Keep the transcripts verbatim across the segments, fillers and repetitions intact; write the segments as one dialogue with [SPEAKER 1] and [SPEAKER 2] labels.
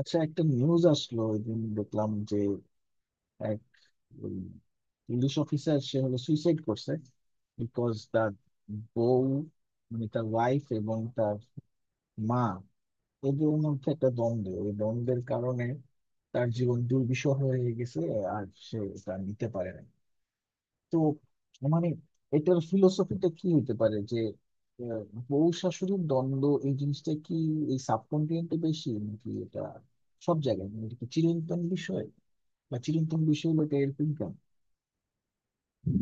[SPEAKER 1] আচ্ছা, একটা নিউজ আসলো ওই দিন দেখলাম যে এক ইংলিশ অফিসার সে হলো সুইসাইড করছে, বিকজ তার বউ, মানে তার ওয়াইফ এবং তার মা, এদের মধ্যে একটা দ্বন্দ্ব। ওই দ্বন্দ্বের কারণে তার জীবন দুর্বিষহ হয়ে গেছে আর সে তা নিতে পারে না। তো মানে এটার ফিলোসফিটা কি হতে পারে যে আহ, বউ শাশুড়ির দ্বন্দ্ব এই জিনিসটা কি এই সাবকন্টিনেন্টে বেশি নাকি এটা সব জায়গায়, মানে এটা কি চিরন্তন বিষয়, বা চিরন্তন বিষয় হলো, এটা এরকম কেন? হুম,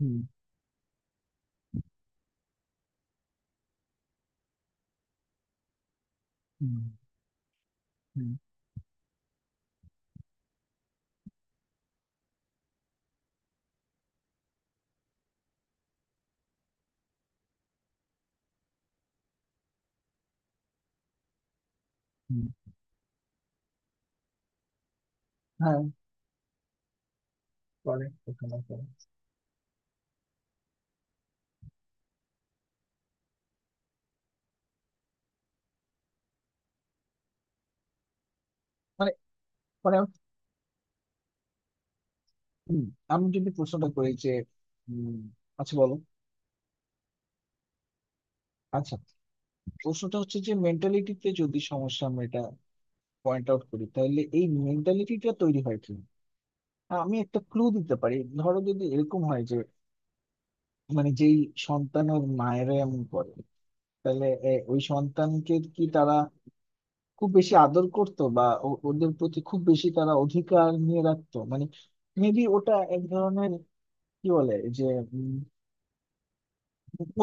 [SPEAKER 1] হুম, হুম, হুম, হুম। হ্যাঁ, করে। ওখানে করে। মানে মানে আমি, হুম, আমি যদি প্রশ্নটা করি যে, উম, আচ্ছা বলো। আচ্ছা, প্রশ্নটা হচ্ছে যে মেন্টালিটিতে যদি সমস্যা, আমরা এটা পয়েন্ট আউট করি, তাহলে এই মেন্টালিটিটা তৈরি হয় কি? হ্যাঁ, আমি একটা ক্লু দিতে পারি। ধরো যদি এরকম হয় যে, মানে যেই সন্তান ওর মায়ের এমন করে, তাহলে এ, ওই সন্তানকে কি তারা খুব বেশি আদর করতো বা ও- ওদের প্রতি খুব বেশি তারা অধিকার নিয়ে রাখতো। মানে মেবি ওটা এক ধরনের, কি বলে যে, উম,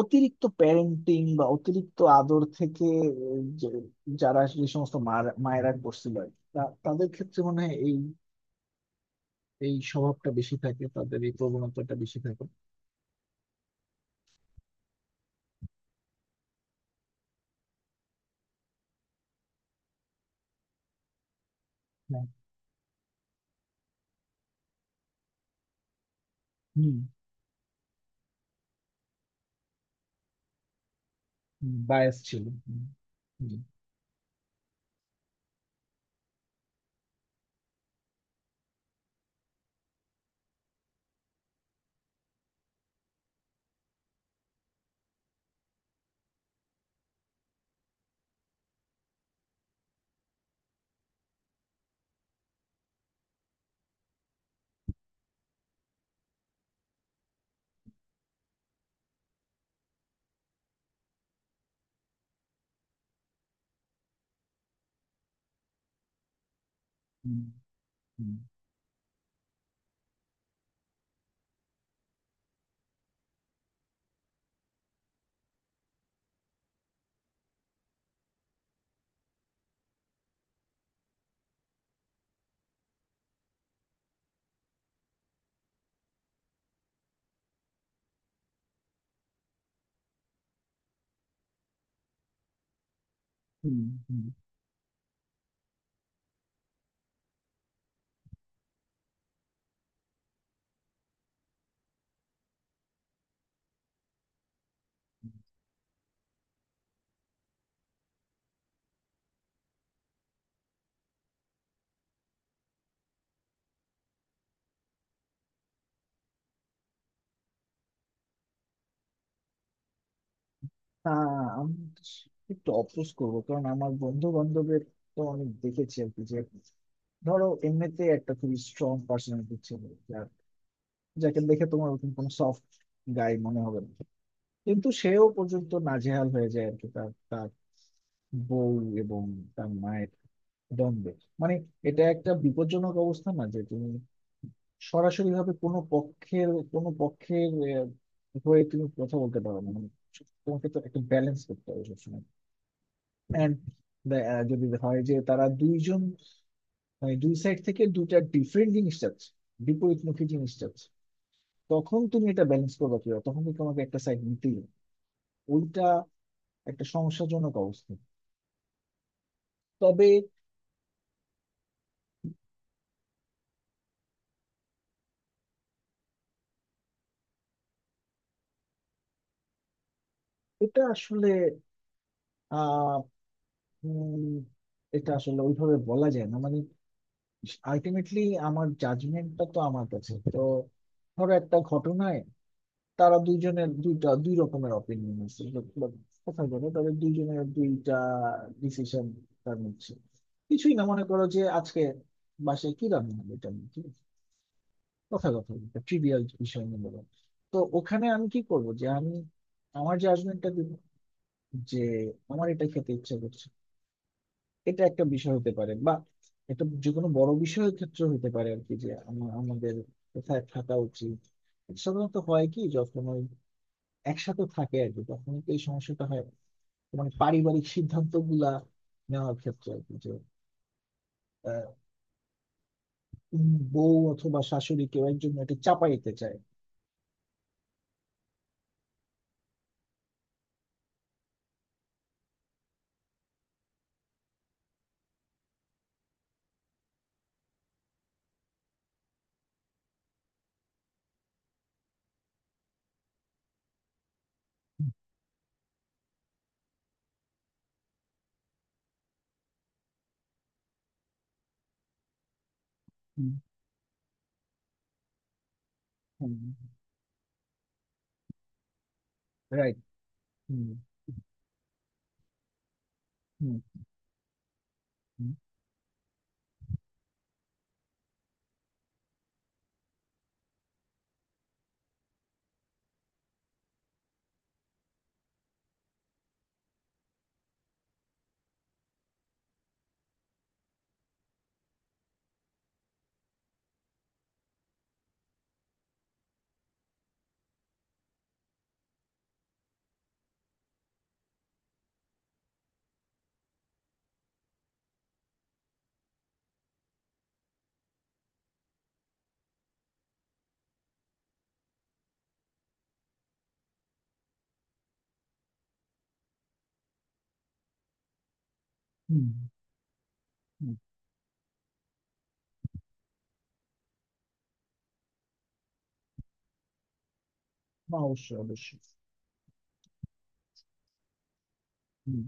[SPEAKER 1] অতিরিক্ত প্যারেন্টিং বা অতিরিক্ত আদর থেকে, উম, যে যারা যে সমস্ত মার- মায়েরা করছিল আর কি, তা- তাদের ক্ষেত্রে মনে হয় এই এই স্বভাবটা বেশি থাকে, তাদের এই প্রবণতাটা বেশি থাকে। হ্যাঁ। হুম বায়াস ছিল। হুম, হুম, হুম, হুম, হুম, হুম। আহ, আমি একটু অফোর্স করবো, কারণ আমার বন্ধু বান্ধবের তো অনেক দেখেছি আর কি যে, ধরো এমনিতে একটা খুবই স্ট্রং পার্সোনালিটি ছিল, যার, যাকে দেখে তোমার ওরকম কোনো সফট গাই মনে হবে না, কিন্তু সেও পর্যন্ত নাজেহাল হয়ে যায় আর কি, তার তার বউ এবং তার মায়ের দ্বন্দ্বে। মানে এটা একটা বিপজ্জনক অবস্থা না যে তুমি সরাসরি ভাবে কোনো পক্ষের কোনো পক্ষের আহ, হয়ে তুমি কথা বলতে পারো না। মানে তোমাকে তো একটা ব্যালেন্স করতে হবে সবসময়। অ্যান্ড যদি হয় যে তারা দুইজন, মানে দুই সাইড থেকে দুইটা ডিফারেন্ট জিনিস চাচ্ছে, বিপরীতমুখী জিনিস চাচ্ছে, তখন তুমি এটা ব্যালেন্স করবে কিভাবে? তখন কিন্তু তোমাকে একটা সাইড নিতেই হবে। ওইটা একটা সমস্যাজনক অবস্থা। তবে এটা আসলে, আহ উম, এটা আসলে ওইভাবে বলা যায় না। মানে আলটিমেটলি আমার জাজমেন্টটা তো আমার কাছে তো, ধরো একটা ঘটনায় তারা দুইজনের দুইটা দুই রকমের অপিনিয়ন আছে, but- but কথা বলে তাদের দুইজনের দুইটা ডিসিশন, তার মধ্যে কিছুই না, মনে করো যে আজকে বাসায় কি রান্না হবে, এটা নিয়ে, ঠিক আছে? কথা কথা একটা ট্রিভিয়াল বিষয় নিয়ে বলো। তো ওখানে আমি কি করব যে আমি আমার জাজমেন্টটা দিব যে আমার এটা খেতে ইচ্ছা করছে। এটা একটা বিষয় হতে পারে, বা একটা যে কোনো বড় বিষয়ের ক্ষেত্রে হতে পারে আর কি, যে আমা- আমাদের কোথায় থাকা উচিত। এটা সাধারণত হয় কি, যখন ওই একসাথে থাকে আর কি, তখন তো এই সমস্যাটা হয়। মানে পারিবারিক সিদ্ধান্ত গুলা নেওয়ার ক্ষেত্রে আর কি, যে আহ, উম, বউ অথবা শাশুড়ি কেউ একজন এটা চাপাইতে চায়। রাইট। হুম রাইট। হুম হুম হুম হুম, হুম, অবশ্যই, অবশ্যই। হুম।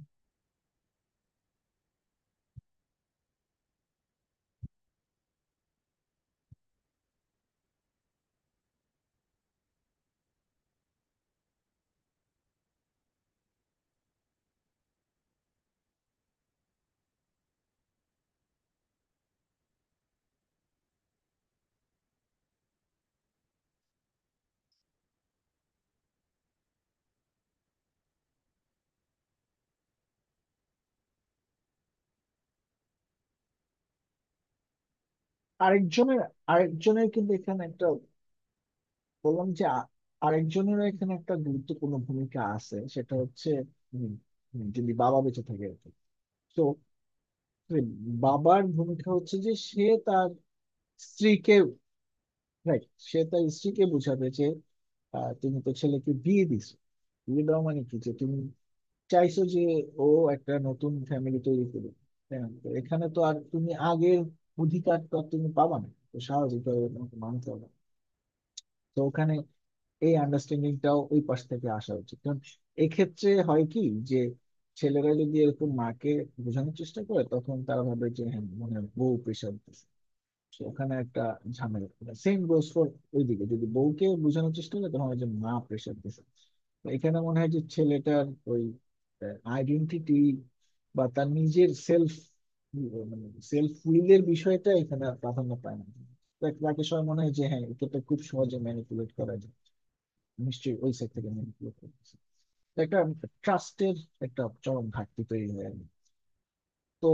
[SPEAKER 1] আরেকজনের আরেকজনের কিন্তু এখানে একটা, বললাম যে আ- আরেকজনেরও এখানে একটা গুরুত্বপূর্ণ ভূমিকা আছে, সেটা হচ্ছে উম, যদি বাবা বেঁচে থাকে আর কি। তো এই বাবার ভূমিকা হচ্ছে যে সে তার স্ত্রীকে, রাইট, সে তার স্ত্রীকে বোঝাবে যে, আহ, তুমি তো ছেলেকে বিয়ে দিছো, বিয়ে দেওয়া মানে কি, যে তুমি চাইছো যে ও একটা নতুন ফ্যামিলি তৈরি করবে, তাই না? তো এখানে তো আর তুমি আগের অধিকার তো আর তুমি পাবা না, তো স্বাভাবিকভাবে তোমাকে মানতে হবে। তো ওখানে এই আন্ডারস্ট্যান্ডিংটাও ওই পাশ থেকে আসা উচিত, কারণ এক্ষেত্রে হয় কি যে, ছেলেরা যদি এরকম মাকে বোঝানোর চেষ্টা করে, তখন তারা ভাবে যে হ্যাঁ, মনে হয় বউ প্রেশার দিচ্ছে। So ওখানে একটা ঝামেলা। সেম গোস ফর ওইদিকে, যদি বউকে বোঝানোর চেষ্টা করে তখন হয় যে মা প্রেশার দিচ্ছে। তো এখানে মনে হয় যে ছেলেটার ওই আইডেন্টিটি বা তার নিজের সেলফ, মানে সেলফ উইলের বিষয়টা এখানে আর প্রাধান্য পায় না। তাকে সবাই মনে হয় যে, হ্যাঁ, এটাকে খুব সহজে ম্যানিপুলেট করা যায়, নিশ্চয়ই ওই সেক্টর থেকে আমি improve করতেছি। তো একটা ট্রাস্টের একটা চরম ঘাটতি তৈরি হয়ে গেল। তো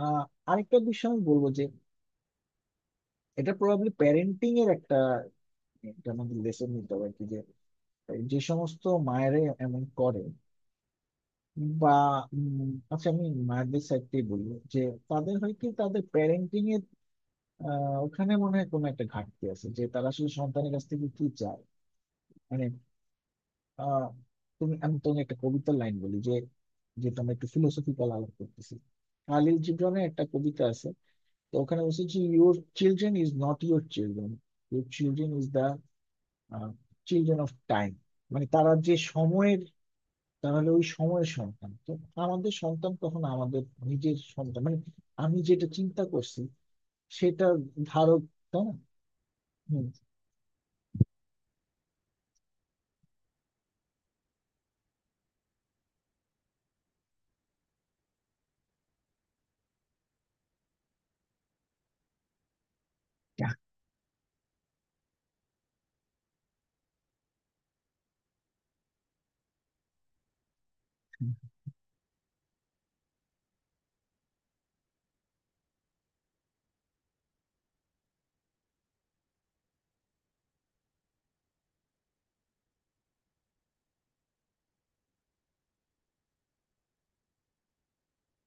[SPEAKER 1] আহ, আরেকটা বিষয় আমি বলবো যে এটা প্রবাবলি প্যারেন্টিং এর একটা, একটা আমাদের লেসন নিতে হবে আর কি, যে যে সমস্ত মায়েরা এমন করে, বা উম, আচ্ছা, আমি মায়েদের সাইড থেকে বলবো যে তাদের হয় কি তাদের প্যারেন্টিং এর আহ, ওখানে মনে হয় কোনো একটা ঘাটতি আছে, যে তারা আসলে সন্তানের কাছ থেকে কি চায়। মানে আহ তুমি, আমি তোমাকে একটা কবিতার লাইন বলি, যে, যেটা আমরা একটু ফিলোসফিক্যাল আলাপ করতেছি, খালিল জিব্রানের একটা কবিতা আছে। তো ওখানে বলছে যে, your children is not your children, your children is the children of time. মানে তারা যে সময়ের, তাহলে ওই সময়ের সন্তান তো, আমাদের সন্তান কখন আমাদের নিজের সন্তান, মানে আমি যেটা চিন্তা করছি, সেটা ধারক, তাই না? হুম। যাক।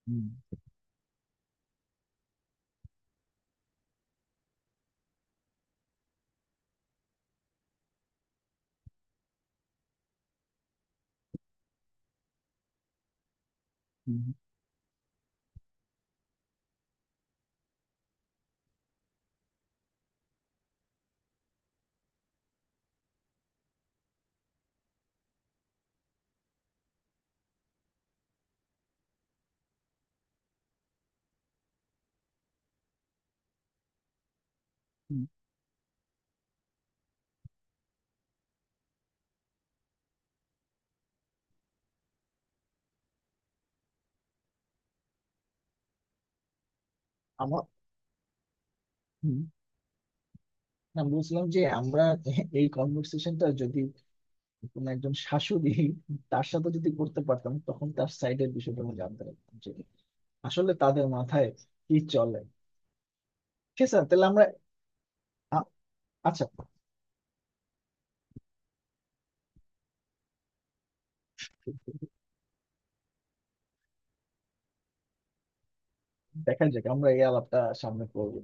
[SPEAKER 1] হুম, হুম, হুম, আমার, হুম, না বুঝলাম যে আমরা এই কনভার্সেশনটা যদি কোনো একজন শাশুড়ি, তার সাথে যদি করতে পারতাম, তখন তার সাইডের বিষয়টা আমি জানতে পারতাম, যে আসলে তাদের মাথায় কি চলে। ঠিক আছে, তাহলে আমরা, আ- আচ্ছা, দেখা যাক আমরা এই আলাপটা সামনে করবো।